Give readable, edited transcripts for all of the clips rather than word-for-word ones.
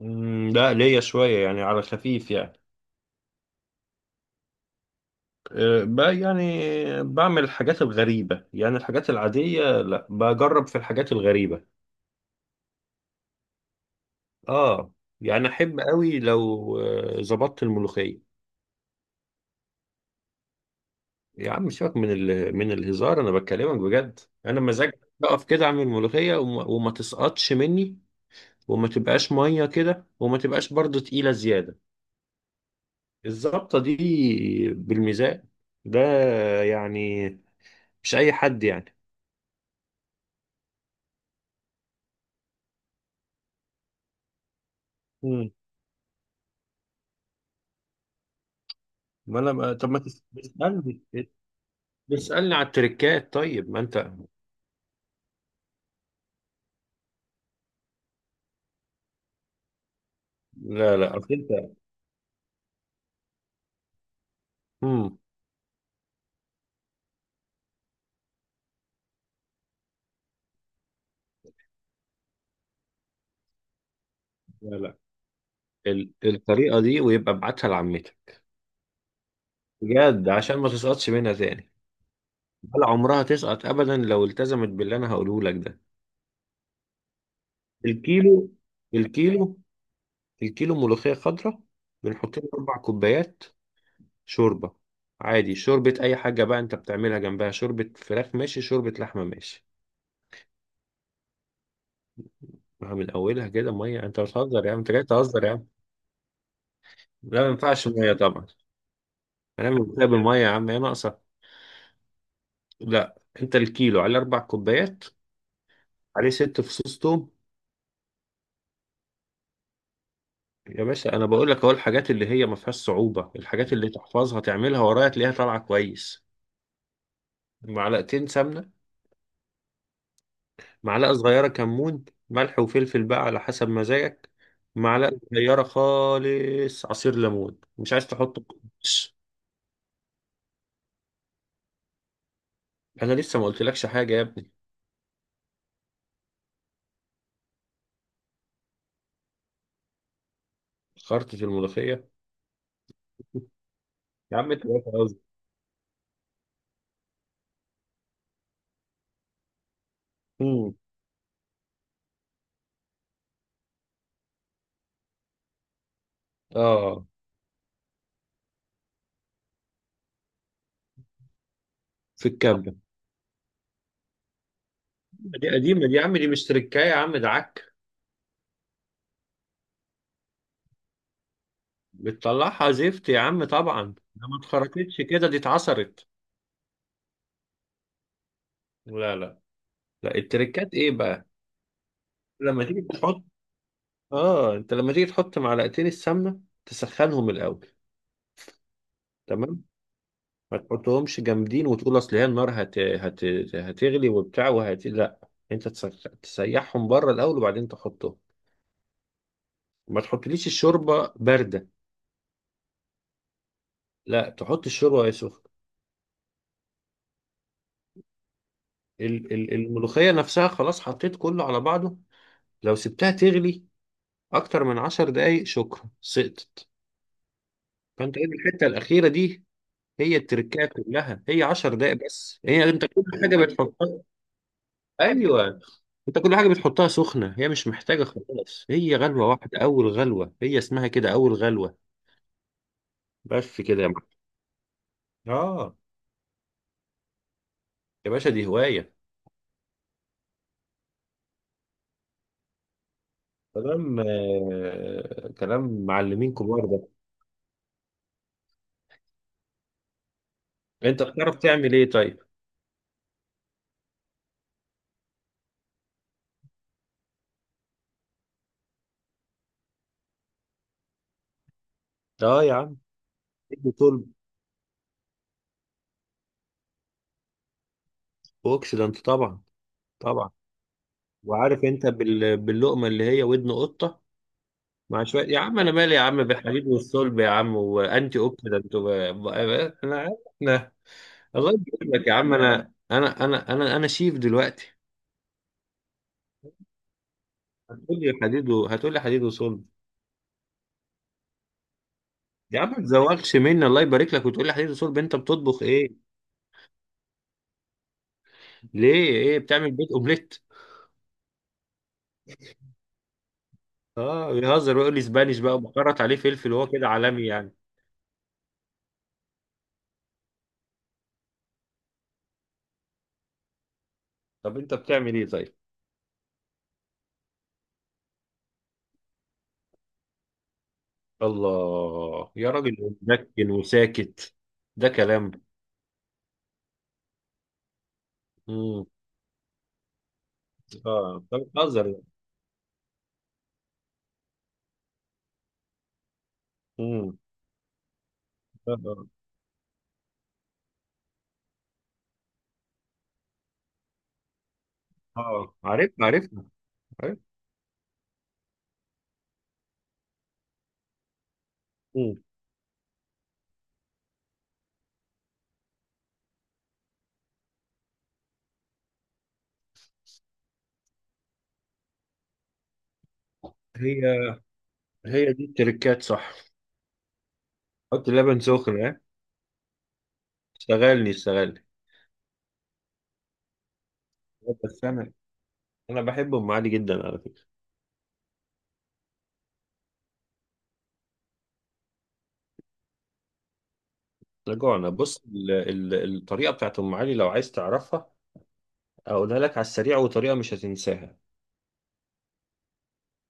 مم، لا ليا شوية يعني على خفيف يعني. أه، بقى يعني. بعمل الحاجات الغريبة يعني، الحاجات العادية لا، بجرب في الحاجات الغريبة. اه، يعني أحب قوي لو ظبطت الملوخية. يا عم سيبك من من الهزار، أنا بكلمك بجد. أنا مزاج أقف كده أعمل ملوخية وما تسقطش مني، وما تبقاش مية كده، وما تبقاش برضو تقيلة زيادة. الظبطة دي بالميزان ده يعني، مش أي حد يعني. ما انا ما- طب ما تس- تسالني. تسالني على التريكات، طيب ما انت. لا لا، اصل انت. امم لا لا، الطريقه دي ويبقى ابعتها لعمتك، بجد، عشان ما تسقطش منها تاني. ولا عمرها تسقط ابدا لو التزمت باللي انا هقوله لك ده. الكيلو الكيلو الكيلو ملوخيه خضراء بنحط له اربع كوبايات شوربه. عادي شوربه اي حاجه، بقى انت بتعملها جنبها شوربه فراخ، ماشي، شوربه لحمه، ماشي. مع من اولها كده ميه؟ انت بتهزر يا عم، انت جاي تهزر يا عم. لا، ما ينفعش ميه طبعا. هنعمل كوبايه بالميه؟ يا عم ايه ناقصه؟ لا، انت الكيلو على اربع كوبايات، عليه ست فصوص توم. يا باشا، انا بقول لك اهو الحاجات اللي هي ما فيهاش صعوبه، الحاجات اللي تحفظها تعملها ورايا تلاقيها طالعه كويس. معلقتين سمنه، معلقه صغيره كمون، ملح وفلفل بقى على حسب مزاجك، معلقه صغيره خالص عصير ليمون، مش عايز تحط بس. انا لسه ما قلتلكش حاجه يا ابني. خرطة الملوخيه، يا عم انت بقى خلاص. مم. اه، في الكبة. دي قديمة، دي يا عم دي مش تركاية يا عم، ده عك. بتطلعها زفت يا عم طبعا، ده ما اتخرطتش كده، دي اتعصرت. لا لا لا، التركات ايه بقى. لما تيجي تحط اه انت لما تيجي تحط معلقتين السمنة، تسخنهم الأول. تمام. ما تحطهمش جامدين وتقول اصل هي النار هتغلي وبتاع وهت لا. انت تسيحهم بره الأول وبعدين تحطهم. ما تحطليش الشوربة باردة، لا تحط الشوربة وهي سخنة. الملوخية نفسها خلاص، حطيت كله على بعضه. لو سبتها تغلي أكتر من عشر دقايق، شكرا، سقطت. فأنت هي الحتة الأخيرة دي، هي التركاية كلها، هي عشر دقايق بس، هي أنت كل حاجة بتحطها. أيوه. أنت كل حاجة بتحطها سخنة هي مش محتاجة خلاص، هي غلوة واحدة، أول غلوة هي اسمها كده، أول غلوة. بس كده يا معلم. آه. يا باشا دي هواية. كلام، كلام معلمين كبار ده. أنت بتعرف تعمل إيه طيب؟ آه يا عم، ادي طول. بوكس ده أنت طبعا. طبعا. وعارف انت باللقمه اللي هي ودن قطه؟ مع شويه يا عم، انا مالي يا عم بالحديد والصلب يا عم وانتي اوكسيدنت انا عارف احنا. الله يقول لك يا عم، انا شيف دلوقتي. هتقول لي حديد وصلب؟ يا عم ما تزوقش مني، الله يبارك لك، وتقول لي حديد وصلب؟ انت بتطبخ ايه؟ ليه ايه بتعمل؟ بيت اومليت؟ اه، بيهزر ويقول لي اسبانيش بقى، وبكرت عليه فلفل وهو كده عالمي يعني. طب انت بتعمل ايه طيب؟ الله يا راجل، مسكن وساكت، ده كلام. امم. اه، انت بتهزر يعني. امم. اه. آه. عرفنا، عرفنا، عرفنا. مم. هي هي دي التركات صح؟ حط لبن سخن، ها. اشتغلني اشتغلني. بس انا بحب ام علي جدا على فكره. احنا جوعنا، بص، الطريقه بتاعت ام علي، لو عايز تعرفها اقولها لك على السريع، وطريقه مش هتنساها.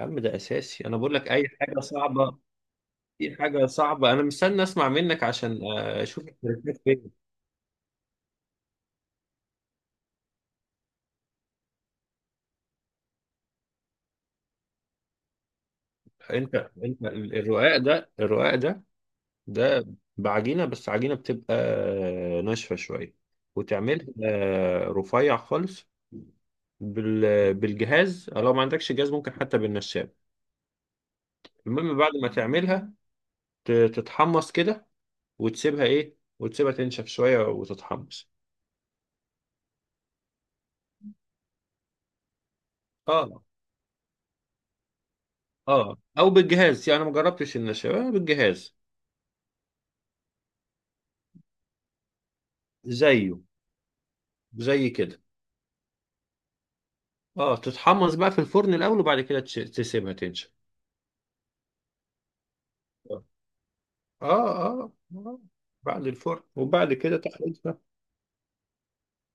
يا عم ده اساسي، انا بقول لك اي حاجه صعبه. اي حاجه صعبه، انا مستني اسمع منك عشان اشوف التركات فين. انت انت الرقاق ده ده بعجينة، بس عجينة بتبقى ناشفة شوية، وتعملها رفيع خالص بالجهاز، لو ما عندكش جهاز ممكن حتى بالنشاب. المهم بعد ما تعملها تتحمص كده، وتسيبها تنشف شوية وتتحمص. اه اه، او بالجهاز يعني، انا ما جربتش النشاب، بالجهاز. زيه، زي كده. اه، تتحمص بقى في الفرن الاول، وبعد كده تسيبها تنشف. اه، اه, آه. بعد الفرن وبعد كده تحليل.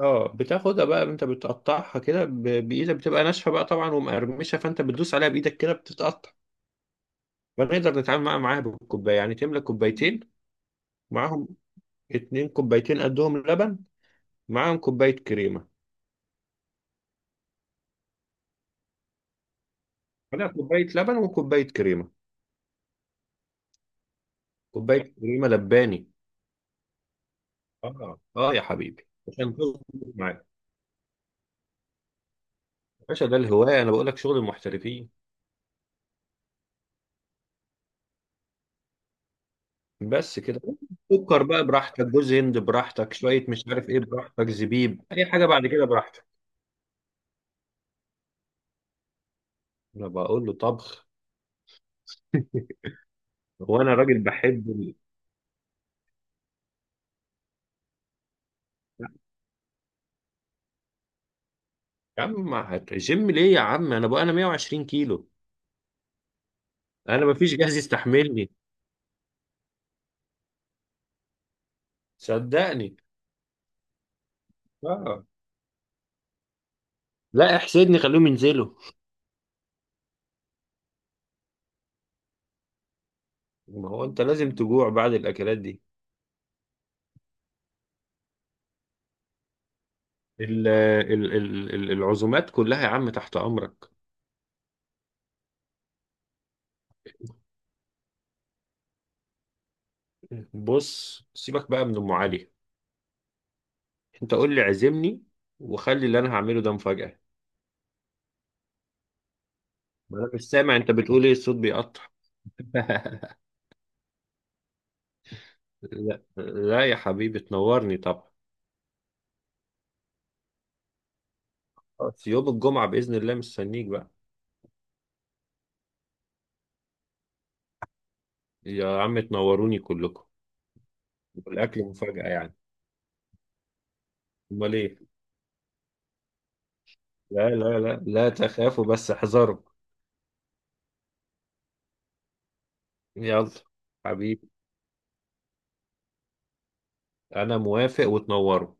اه، بتاخدها بقى انت بتقطعها كده بايدك، بتبقى ناشفه بقى طبعا ومقرمشه، فانت بتدوس عليها بايدك كده بتتقطع. فنقدر نتعامل معاها بالكوبايه، يعني تملى كوبايتين معاهم، اتنين كوبايتين قدهم لبن، معاهم كوبايه كريمه. ولا كوبايه لبن وكوبايه كريمه، كوبايه كريمه لباني. اه، اه، يا حبيبي عشان تظبط معاك. يا باشا ده الهوايه، انا بقول لك شغل المحترفين. بس كده، سكر بقى براحتك، جوز هند براحتك، شويه مش عارف ايه براحتك، زبيب، اي حاجه بعد كده براحتك. انا بقول له طبخ. هو انا راجل بحب يا عم ما هت- جيم ليه يا عم؟ انا بقى انا 120 كيلو، انا ما فيش جهاز يستحملني صدقني. آه. لا احسدني، خليهم ينزلوا. ما هو انت لازم تجوع بعد الاكلات دي. العزومات كلها يا عم تحت امرك. بص سيبك بقى من ام علي، انت قول لي عزمني، وخلي اللي انا هعمله ده مفاجأة. ما انا مش سامع، انت بتقول ايه، الصوت بيقطع. لا لا، يا حبيبي تنورني طبعا. خلاص، يوم الجمعة بإذن الله مستنيك بقى. يا عم تنوروني كلكم. والأكل مفاجأة يعني. أمال إيه؟ لا لا لا، لا تخافوا بس احذروا. يلا. حبيبي، أنا موافق وتنوروا.